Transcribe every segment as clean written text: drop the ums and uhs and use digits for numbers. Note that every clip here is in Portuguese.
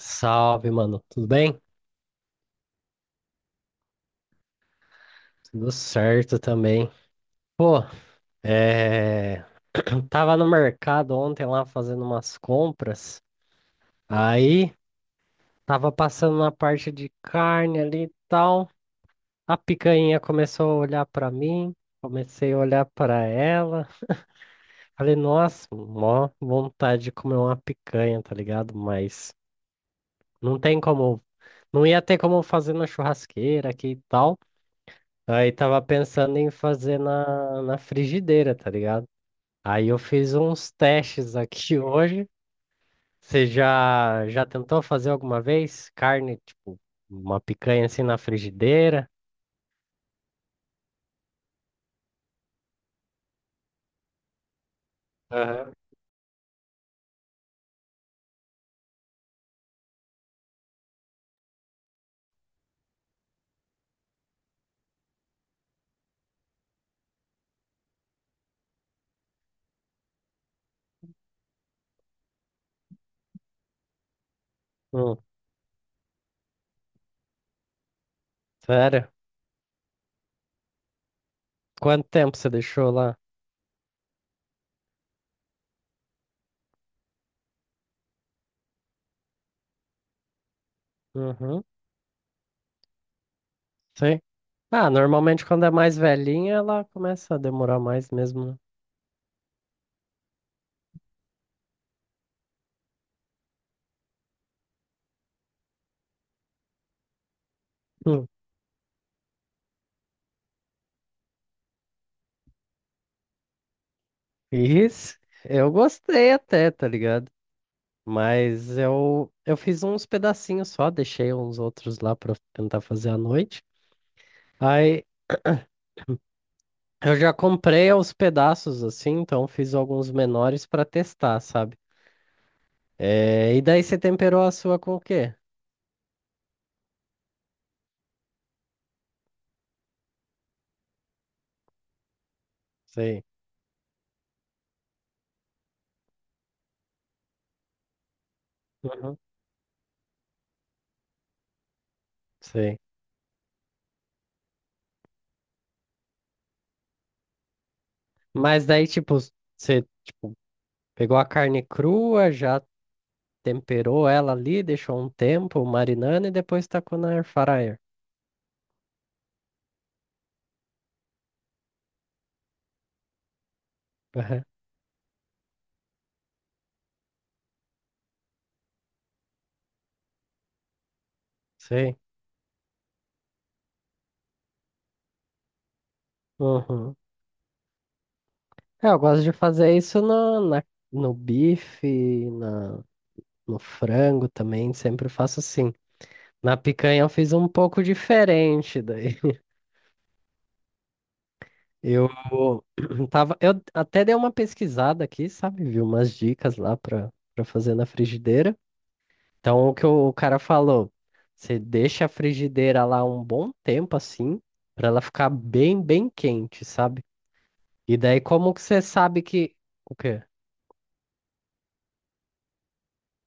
Salve, mano. Tudo bem? Tudo certo também. Pô, é... tava no mercado ontem lá fazendo umas compras. Aí tava passando na parte de carne ali e tal. A picanha começou a olhar pra mim. Comecei a olhar pra ela. Falei, nossa, mó vontade de comer uma picanha, tá ligado? Mas não tem como. Não ia ter como fazer na churrasqueira aqui e tal. Aí tava pensando em fazer na frigideira, tá ligado? Aí eu fiz uns testes aqui hoje. Você já tentou fazer alguma vez carne, tipo, uma picanha assim na frigideira? Aham. Hum, Sério? Quanto tempo você deixou lá? Uhum, sim. Ah, normalmente quando é mais velhinha, ela começa a demorar mais mesmo, né? Hum, Isso, eu gostei até, tá ligado? Mas eu fiz uns pedacinhos só, deixei uns outros lá pra tentar fazer à noite. Aí eu já comprei aos pedaços assim, então fiz alguns menores pra testar, sabe? É, e daí você temperou a sua com o quê? Sei. Uhum. Sei. Mas daí, tipo, você pegou a carne crua, já temperou ela ali, deixou um tempo marinando e depois tacou na air fryer. Aham. Sei. Uhum. É, eu gosto de fazer isso no bife, no frango também, sempre faço assim. Na picanha eu fiz um pouco diferente daí. Eu eu até dei uma pesquisada aqui, sabe? Vi umas dicas lá para fazer na frigideira. Então, o que o cara falou, você deixa a frigideira lá um bom tempo assim, para ela ficar bem, bem quente, sabe? E daí como que você sabe que o quê?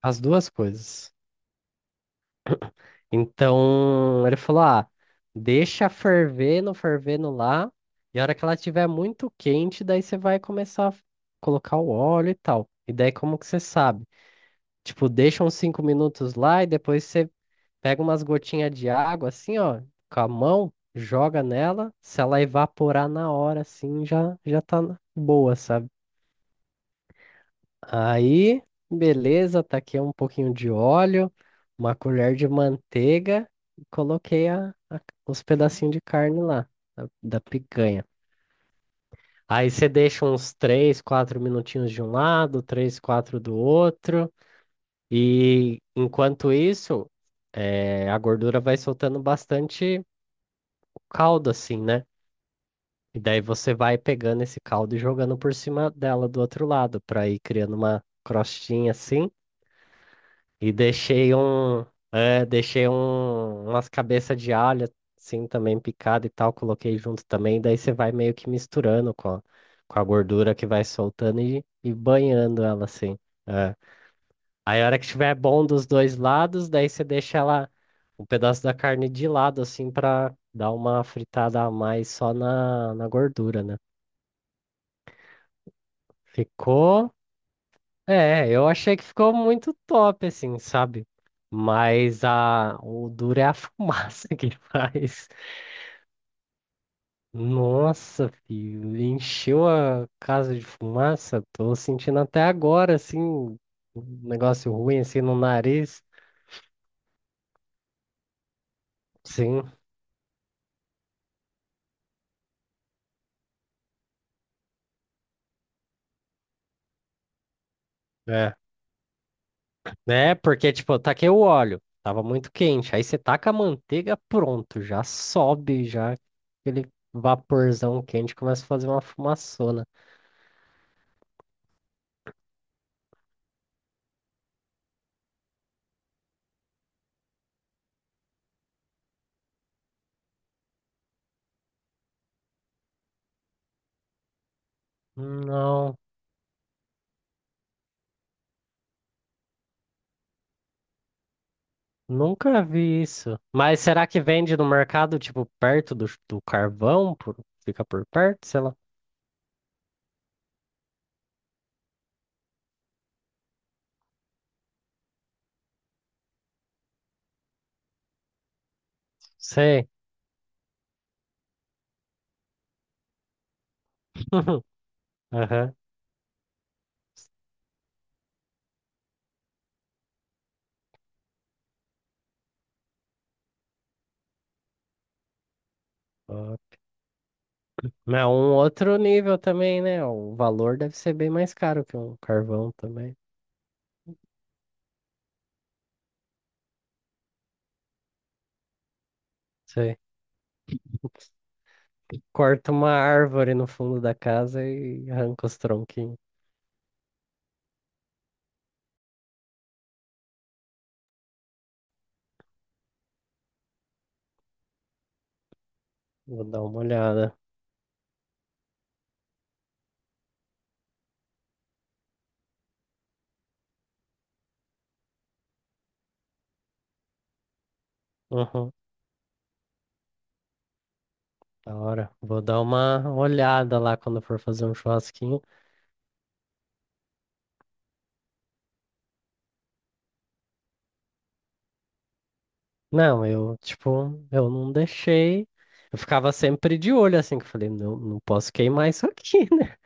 As duas coisas. Então, ele falou: "Ah, deixa fervendo, fervendo lá, e a hora que ela estiver muito quente, daí você vai começar a colocar o óleo e tal. E daí como que você sabe? Tipo, deixa uns 5 minutos lá e depois você pega umas gotinhas de água, assim, ó, com a mão, joga nela. Se ela evaporar na hora, assim, já tá boa, sabe? Aí, beleza, taquei um pouquinho de óleo, uma colher de manteiga e coloquei os pedacinhos de carne lá, da picanha. Aí você deixa uns 3, 4 minutinhos de um lado, três, quatro do outro. E enquanto isso, a gordura vai soltando bastante caldo, assim, né? E daí você vai pegando esse caldo e jogando por cima dela do outro lado, para ir criando uma crostinha assim. E deixei umas cabeças de alho, assim, também picada e tal, coloquei junto também. Daí você vai meio que misturando com a gordura que vai soltando e banhando ela assim. É. Aí a hora que tiver bom dos dois lados, daí você deixa ela um pedaço da carne de lado, assim, pra dar uma fritada a mais só na gordura, né? Ficou. É, eu achei que ficou muito top, assim, sabe? Mas o duro é a fumaça que faz. Nossa, filho, encheu a casa de fumaça. Tô sentindo até agora, assim, um negócio ruim, assim, no nariz. Sim. É. Né? Porque, tipo, eu taquei o óleo, tava muito quente. Aí você taca a manteiga, pronto, já sobe, já aquele vaporzão quente começa a fazer uma fumaçona. Não, nunca vi isso. Mas será que vende no mercado, tipo, perto do carvão? Fica por perto, sei lá. Sei. Aham. Ó. Mas é um outro nível também, né? O valor deve ser bem mais caro que um carvão também. Corta uma árvore no fundo da casa e arranca os tronquinhos. Vou dar uma olhada. Uhum, da hora. Vou dar uma olhada lá quando for fazer um churrasquinho. Não, eu, tipo, eu não deixei. Eu ficava sempre de olho, assim, que eu falei, não, não posso queimar isso aqui, né?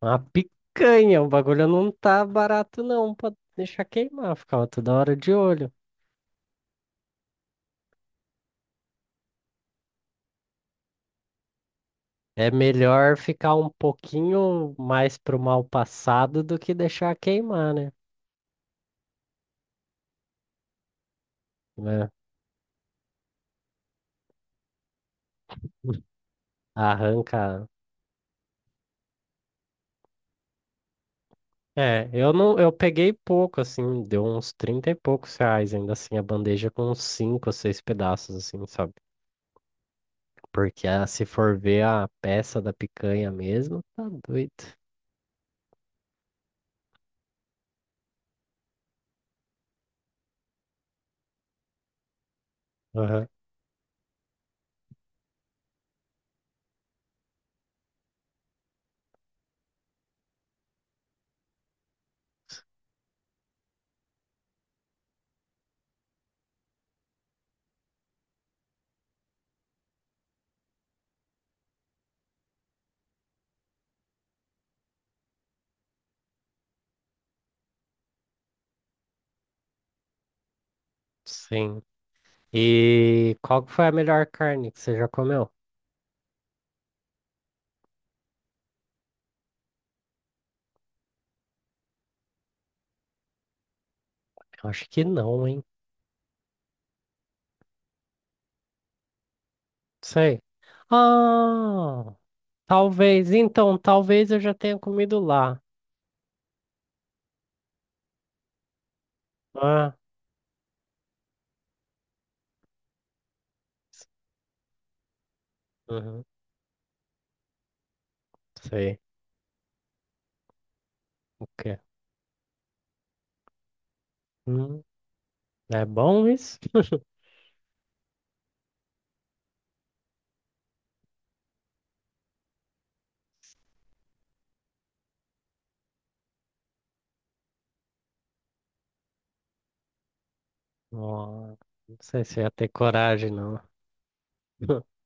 Uma picanha, o bagulho não tá barato, não, pra deixar queimar. Eu ficava toda hora de olho. É melhor ficar um pouquinho mais pro mal passado do que deixar queimar, né? É. Arranca. É, eu não, eu peguei pouco, assim, deu uns 30 e poucos reais, ainda assim, a bandeja com uns 5 ou 6 pedaços, assim, sabe? Porque se for ver a peça da picanha mesmo, tá doido. Aham. Sim. E qual que foi a melhor carne que você já comeu? Eu acho que não, hein? Sei. Ah, talvez, então, talvez eu já tenha comido lá. Ah, uhum, sei. O quê? Hum, é bom isso? Ó, não sei se eu ia ter coragem, não.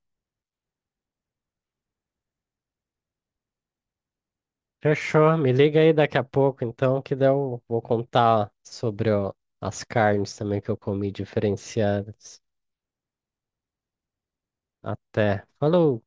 Fechou, me liga aí daqui a pouco, então, que daí eu vou contar sobre ó, as carnes também que eu comi diferenciadas. Até. Falou!